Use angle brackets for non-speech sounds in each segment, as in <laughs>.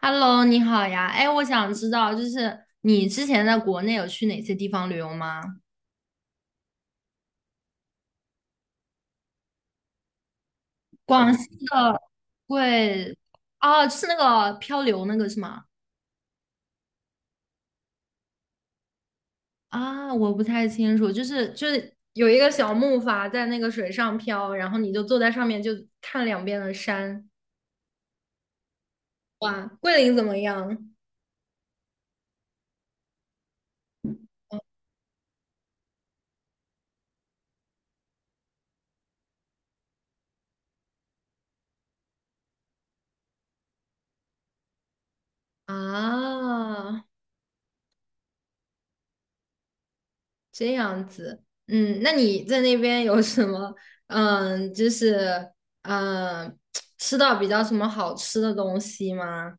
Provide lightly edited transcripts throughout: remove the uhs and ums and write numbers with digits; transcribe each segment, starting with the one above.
Hello，你好呀。哎，我想知道，你之前在国内有去哪些地方旅游吗？广西的贵，哦，就是那个漂流那个是吗？啊，我不太清楚，就是有一个小木筏在那个水上漂，然后你就坐在上面就看两边的山。哇，桂林怎么样？啊，这样子，嗯，那你在那边有什么，嗯，就是嗯，吃到比较什么好吃的东西吗？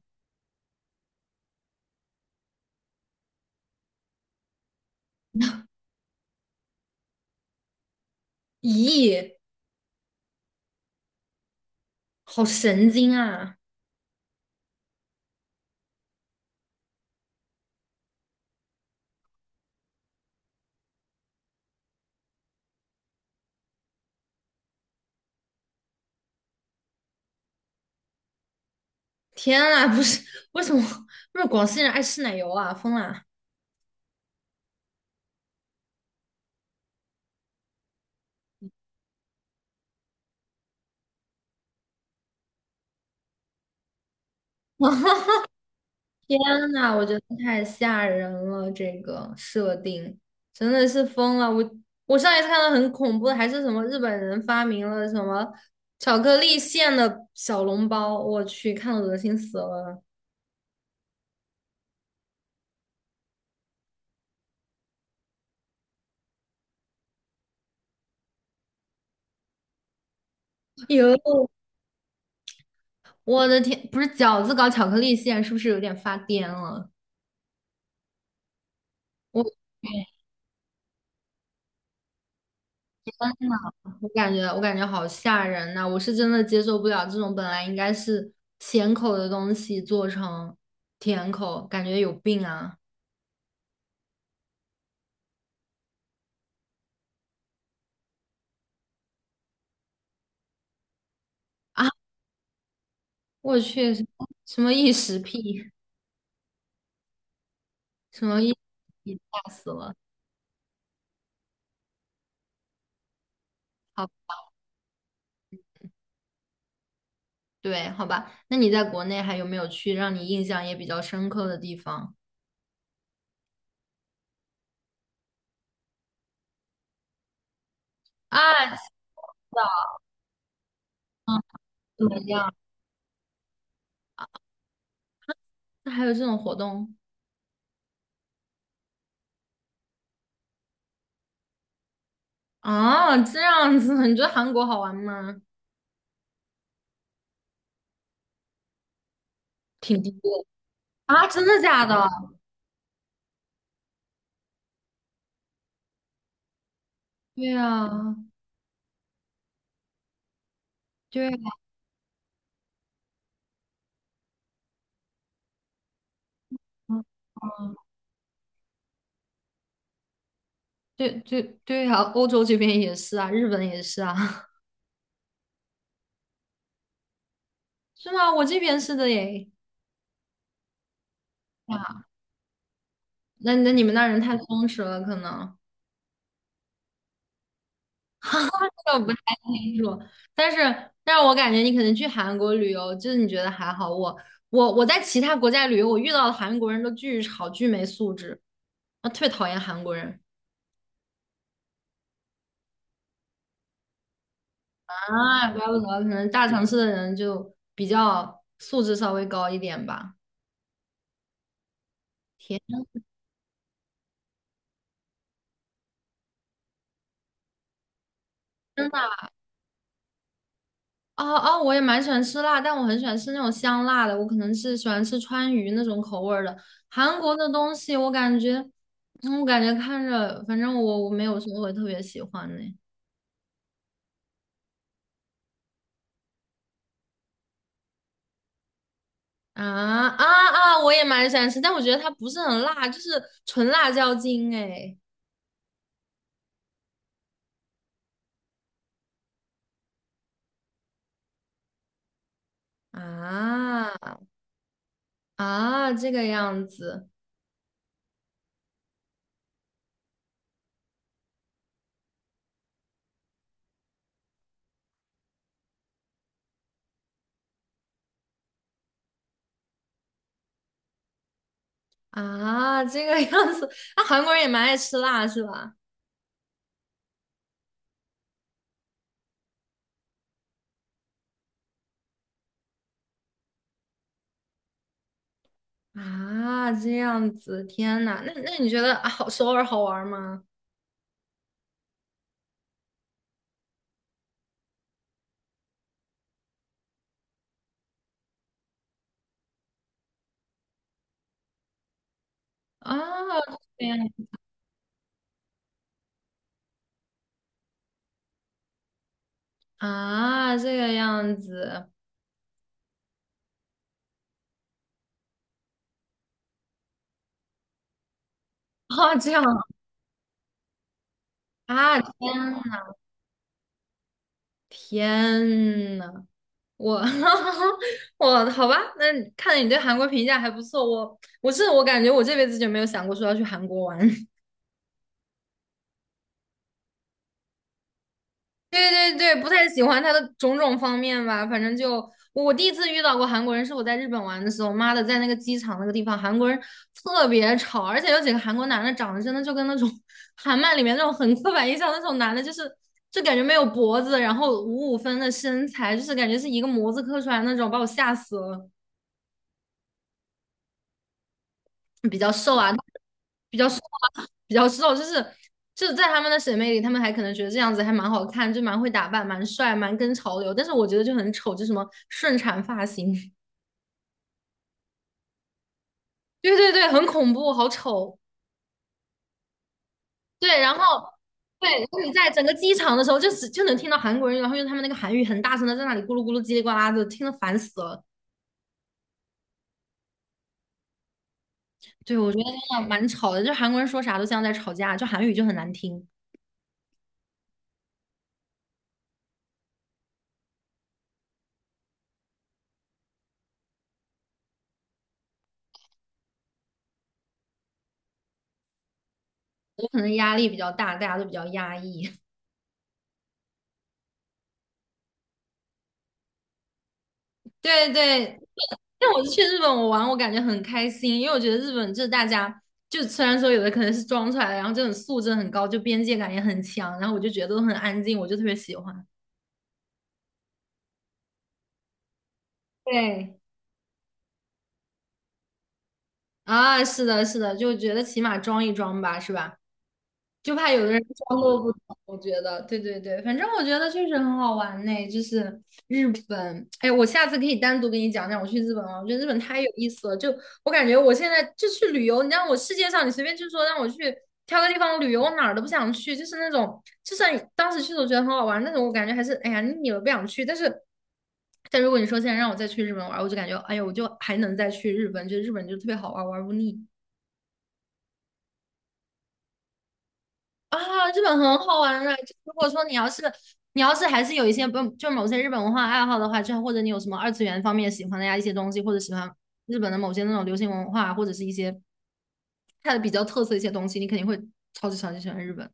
咦，好神经啊！天啊，不是，为什么 <laughs> 广西人爱吃奶油啊？疯了！天呐，我觉得太吓人了，这个设定真的是疯了。我上一次看到很恐怖的，还是什么日本人发明了什么巧克力馅的小笼包，我去，看得恶心死了。哟，我的天，不是饺子搞巧克力馅，是不是有点发癫了？我我感觉好吓人呐、我是真的接受不了这种本来应该是咸口的东西做成甜口，感觉有病啊！啊，我去，什么异食癖，什么异食吓死了。好，对，好吧。那你在国内还有没有去让你印象也比较深刻的地方啊？知道嗯，怎么样？那还有这种活动啊？这样子，你觉得韩国好玩吗？挺低调的啊？真的假的？对啊，对啊，嗯，对对对啊，欧洲这边也是啊，日本也是啊，<laughs> 是吗？我这边是的耶。啊，那那你们那人太松弛了，可能。<laughs> 这个不太清楚，但是但是我感觉你可能去韩国旅游，就是你觉得还好。我我在其他国家旅游，我遇到的韩国人都巨吵、巨没素质，我特别讨厌韩国人啊，怪不得可能大城市的人就比较素质稍微高一点吧。天，真的哦哦，我也蛮喜欢吃辣，但我很喜欢吃那种香辣的，我可能是喜欢吃川渝那种口味儿的。韩国的东西我感觉，嗯我感觉看着，反正我没有什么会特别喜欢的。啊啊啊！我也蛮喜欢吃，但我觉得它不是很辣，就是纯辣椒精哎。啊啊，这个样子。那、韩国人也蛮爱吃辣是吧？啊，这样子，天呐，那那你觉得啊好首尔好玩吗？啊，这样啊，这个样子啊，这样啊，天呐天呐，我 <laughs> 我好吧，那你看来你对韩国评价还不错。我是我感觉我这辈子就没有想过说要去韩国玩。<laughs> 对对对，不太喜欢他的种种方面吧。反正就我我第一次遇到过韩国人，是我在日本玩的时候，妈的，在那个机场那个地方，韩国人特别吵，而且有几个韩国男的长得真的就跟那种 <laughs> 韩漫里面那种很刻板印象那种男的，就感觉没有脖子，然后五五分的身材，就是感觉是一个模子刻出来那种，把我吓死了。比较瘦啊，比较瘦，就是在他们的审美里，他们还可能觉得这样子还蛮好看，就蛮会打扮，蛮帅，蛮跟潮流。但是我觉得就很丑，就什么顺产发型，<laughs> 对对对，很恐怖，好丑。对，然后你在整个机场的时候，就能听到韩国人，然后用他们那个韩语很大声的在那里咕噜咕噜叽里呱啦的，听得烦死了。对，我觉得真的蛮吵的，就韩国人说啥都像在吵架，就韩语就很难听，我可能压力比较大，大家都比较压抑。对对，但我去日本我玩，我感觉很开心，因为我觉得日本就是大家，就虽然说有的可能是装出来的，然后这种素质很高，就边界感也很强，然后我就觉得都很安静，我就特别喜欢。对，啊，是的，是的，就觉得起码装一装吧，是吧？就怕有的人消作不懂，我觉得，对对对，反正我觉得确实很好玩呢，日本，哎，我下次可以单独跟你讲讲我去日本啊，我觉得日本太有意思了，我感觉我现在就去旅游，你让我世界上你随便就说让我去挑个地方旅游，我哪儿都不想去，就是那种，就算你当时去的时候觉得很好玩，那种我感觉还是哎呀腻了不想去，但是。但如果你说现在让我再去日本玩我就感觉，哎呀，我就还能再去日本，就日本就特别好玩玩不腻。啊，日本很好玩的。就如果说你要是还是有一些不就是某些日本文化爱好的话，就或者你有什么二次元方面喜欢的呀一些东西，或者喜欢日本的某些那种流行文化，或者是一些它的比较特色一些东西，你肯定会超级超级喜欢日本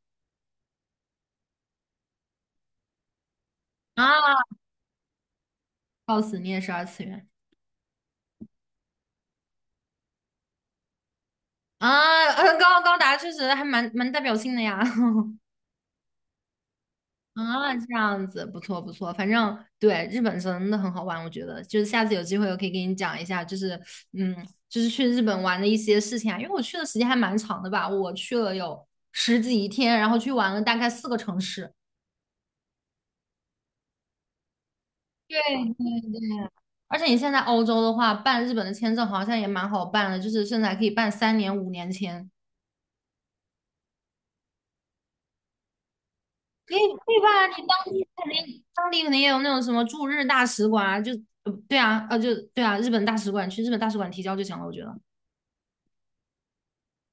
啊！告诉你也是二次元啊，呃高达确实还蛮代表性的呀。<laughs> 啊，这样子不错不错，反正对日本真的很好玩，我觉得就是下次有机会我可以给你讲一下，嗯，就是去日本玩的一些事情啊，因为我去的时间还蛮长的吧，我去了有十几天，然后去玩了大概4个城市。对对对，而且你现在欧洲的话，办日本的签证好像也蛮好办的，就是甚至还可以办3年、5年签。也对吧？你当地肯定，当地肯定也有那种什么驻日大使馆啊，就对啊，日本大使馆去日本大使馆提交就行了，我觉得。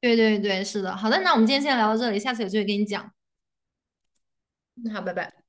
对对对，是的。好的，那我们今天先聊到这里，下次有机会跟你讲。嗯好，拜拜。